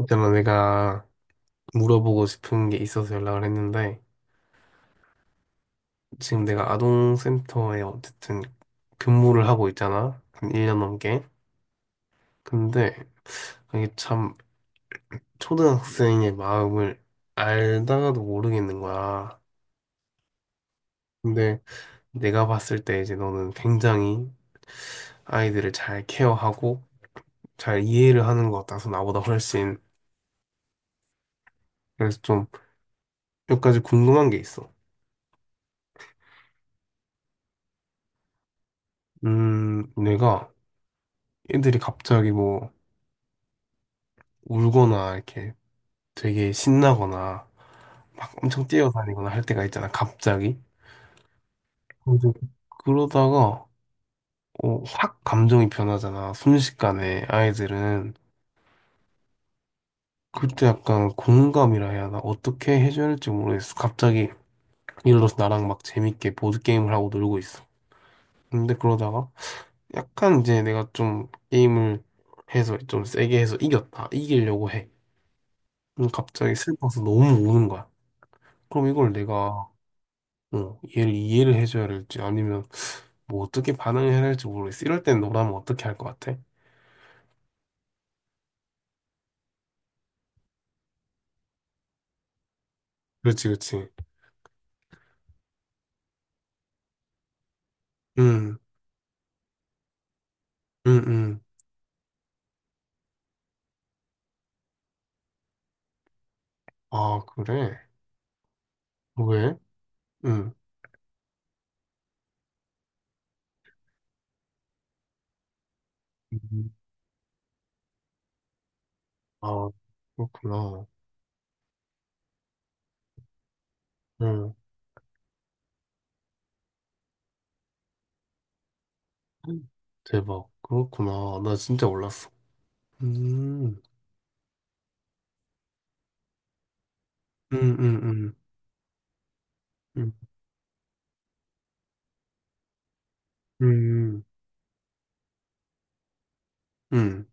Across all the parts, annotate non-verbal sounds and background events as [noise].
있잖아, 내가 물어보고 싶은 게 있어서 연락을 했는데, 지금 내가 아동센터에 어쨌든 근무를 하고 있잖아. 한 1년 넘게. 근데 이게 참 초등학생의 마음을 알다가도 모르겠는 거야. 근데 내가 봤을 때 이제 너는 굉장히 아이들을 잘 케어하고 잘 이해를 하는 것 같아서 나보다 훨씬. 그래서 좀 몇 가지 궁금한 게 있어. 내가 애들이 갑자기 뭐 울거나 이렇게 되게 신나거나 막 엄청 뛰어다니거나 할 때가 있잖아, 갑자기. 그 그러다가 어, 확 감정이 변하잖아, 순식간에 아이들은. 그때 약간 공감이라 해야 하나? 어떻게 해줘야 할지 모르겠어. 갑자기 예를 들어서 나랑 막 재밌게 보드게임을 하고 놀고 있어. 근데 그러다가 약간 이제 내가 좀 게임을 해서 좀 세게 해서 이겼다. 이기려고 해. 그럼 갑자기 슬퍼서 너무 우는 거야. 그럼 이걸 내가 어, 얘를 이해를 해줘야 할지 아니면 뭐 어떻게 반응해야 할지 모르겠어. 이럴 땐 너라면 어떻게 할 것 같아? 그렇지, 그렇지. 응, 응, 응. 아, 그래? 어, 왜? 응. 음. 아, 그렇구나. 응. 대박. 그렇구나. 나 진짜 몰랐어. 음, 음, 음, 음, 음, 음, 음.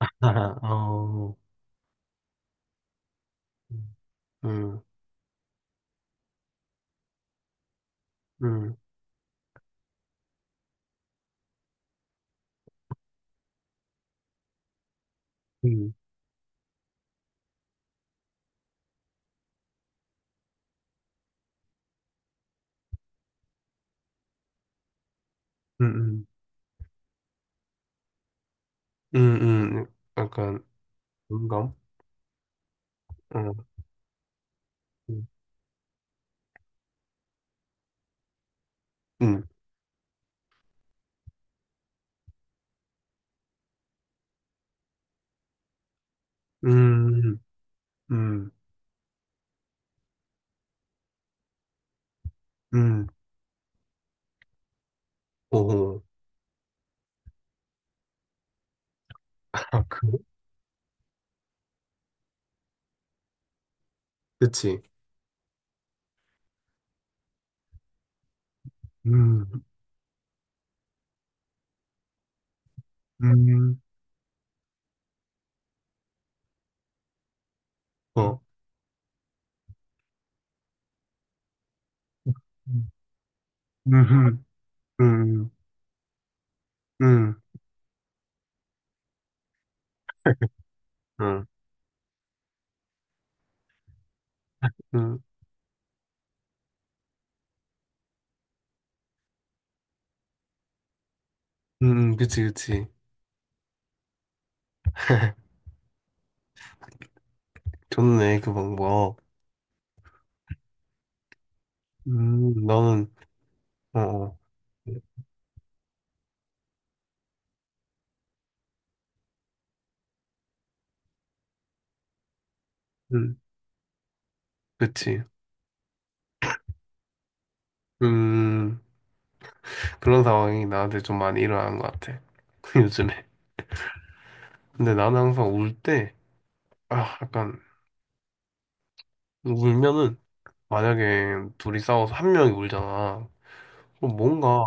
[laughs] 아, 어, 음, 음, 음, 음, 약간, 공감? 어, 음, 음, 음, 음, 음. 오호. [laughs] 그치. 음, 음, 어. 음, 음, 음, 음, 음, 음, 그치, 그치. [laughs] 좋네, 그 방법. 너는, 어, 어. 음, 그치. 음, 그런 상황이 나한테 좀 많이 일어나는 것 같아, [laughs] 요즘에. 근데 나는 항상 울 때, 아, 약간, 울면은, 만약에 둘이 싸워서 한 명이 울잖아. 그럼 뭔가,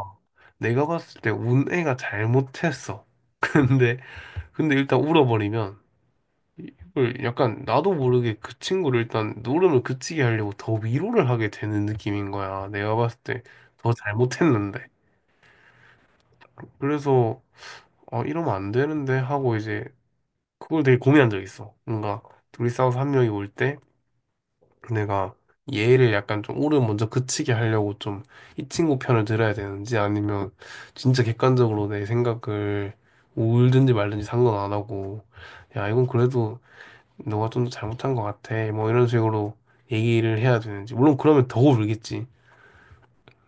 내가 봤을 때 운 애가 잘못했어. [laughs] 근데, 근데 일단 울어버리면 이걸 약간 나도 모르게 그 친구를 일단 울음을 그치게 하려고 더 위로를 하게 되는 느낌인 거야. 내가 봤을 때 더 잘못했는데. 그래서 아 이러면 안 되는데 하고 이제 그걸 되게 고민한 적 있어. 뭔가 둘이 싸워서 한 명이 울 때 내가 얘를 약간 좀 울음 먼저 그치게 하려고 좀 이 친구 편을 들어야 되는지 아니면 진짜 객관적으로 내 생각을 울든지 말든지 상관 안 하고 야 이건 그래도 너가 좀 더 잘못한 것 같아. 뭐 이런 식으로 얘기를 해야 되는지. 물론 그러면 더 울겠지.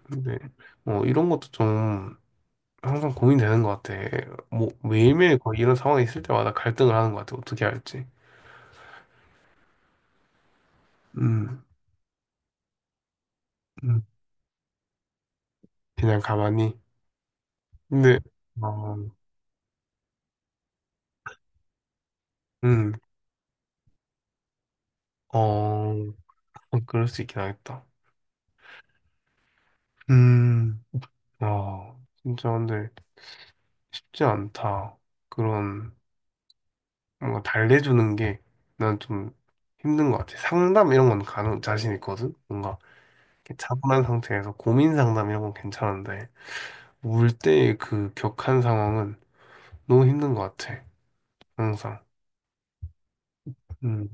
근데 뭐 이런 것도 좀 항상 고민되는 것 같아. 뭐 매일매일 거의 이런 상황이 있을 때마다 갈등을 하는 것 같아. 어떻게 할지. 음, 음, 그냥 가만히. 근데, 어, 음, 어, 그럴 수 있긴 하겠다. 음, 아, 진짜 근데 쉽지 않다. 그런. 뭔가 달래주는 게 난 좀 힘든 것 같아. 상담 이런 건 가능, 자신 있거든? 뭔가 이렇게 차분한 상태에서 고민 상담 이런 건 괜찮은데, 울 때의 그 격한 상황은 너무 힘든 것 같아. 항상. 음,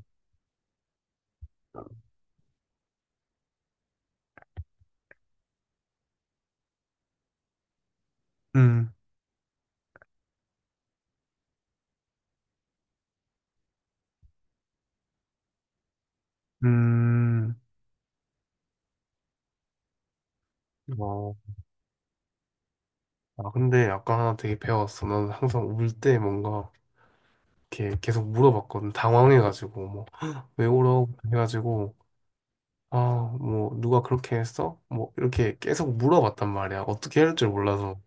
음, 음. 어. 아, 근데 약간 하나 되게 배웠어. 나는 항상 울 때 뭔가 이렇게 계속 물어봤거든. 당황해가지고, 뭐, 헉, 왜 울어? 해가지고. 아, 뭐, 누가 그렇게 했어? 뭐, 이렇게 계속 물어봤단 말이야. 어떻게 해야 할 줄 몰라서.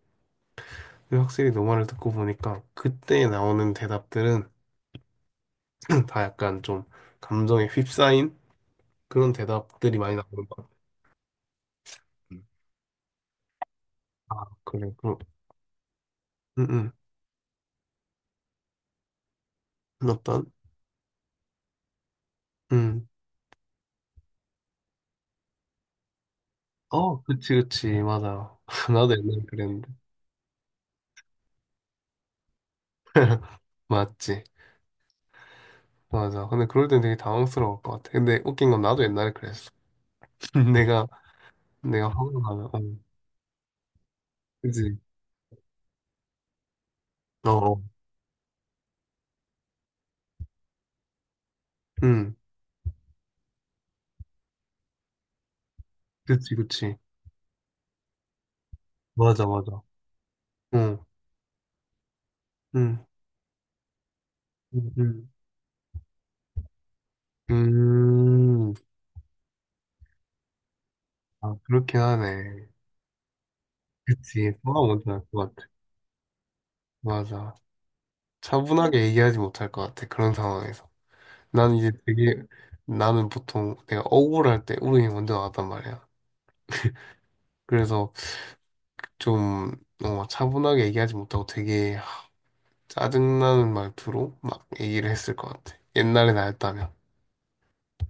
근데 확실히 너 말을 듣고 보니까 그때 나오는 대답들은 [clears throat] 다 약간 좀 감정에 휩싸인 그런 대답들이 많이 나오는 것 같아. 음. 아, 그래, 그럼. 응, 응. 어떤? 응. 어, 그치, 그치. 맞아. [laughs] 나도 옛날에 그랬는데. 맞지. 맞아. 근데 그럴 땐 되게 당황스러울 것 같아. 근데 웃긴 건 나도 옛날에 그랬어. [laughs] 내가, 내가 화가 나면, 어, 그치. 어, 어. 응. 그치, 그치. 맞아, 맞아. 응 응 응 응 음, 아, 그렇긴 하네. 그치, 소화 먼저 알것 같아. 맞아. 차분하게 얘기하지 못할 것 같아, 그런 상황에서. 난 이제 되게, 나는 보통 내가 억울할 때 울음이 먼저 나왔단 말이야. 그래서 좀, 어, 차분하게 얘기하지 못하고 되게 짜증나는 말투로 막 얘기를 했을 것 같아. 옛날에 나였다면.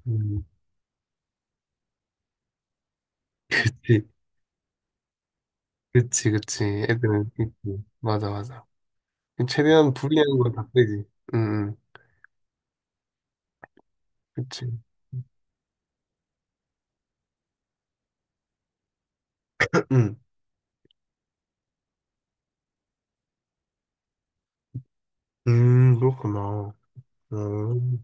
음. 그치, 그치, 그치. 애들은 있지. 맞아, 맞아. 최대한 불리한 건 다 빼지. 응, 응. 그치. [clears throat] 응. 그렇구나. 음,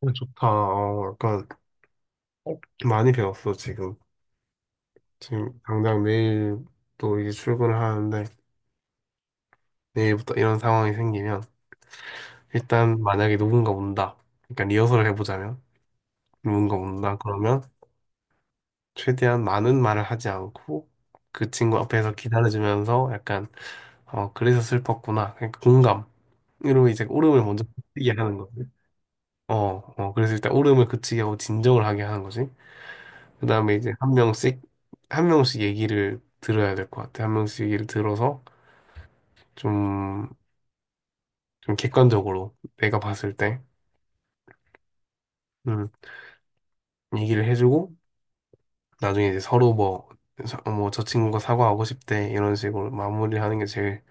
어, 좋다. 어, 약간 많이 배웠어, 지금. 지금 당장 내일 또 이제 출근을 하는데, 내일부터 이런 상황이 생기면, 일단 만약에 누군가 온다. 그러니까 리허설을 해보자면, 누군가 온다. 그러면 최대한 많은 말을 하지 않고, 그 친구 앞에서 기다려주면서 약간, 어, 그래서 슬펐구나. 그러니까 공감. 으로 이제 울음을 먼저 느끼게 하는 거지. 어, 어, 그래서 일단 울음을 그치게 하고 진정을 하게 하는 거지. 그 다음에 이제 한 명씩, 한 명씩 얘기를 들어야 될 것 같아. 한 명씩 얘기를 들어서 좀, 좀 객관적으로 내가 봤을 때, 음, 얘기를 해주고, 나중에 이제 서로 뭐, 뭐, 저 친구가 사과하고 싶대. 이런 식으로 마무리하는 게 제일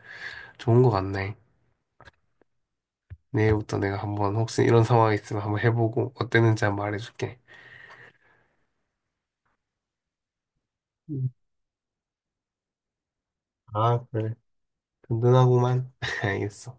좋은 것 같네. 내일부터 내가 한번 혹시 이런 상황이 있으면 한번 해보고 어땠는지 한번 말해줄게. 음. 아, 그래. 든든하구만. [laughs] 알겠어.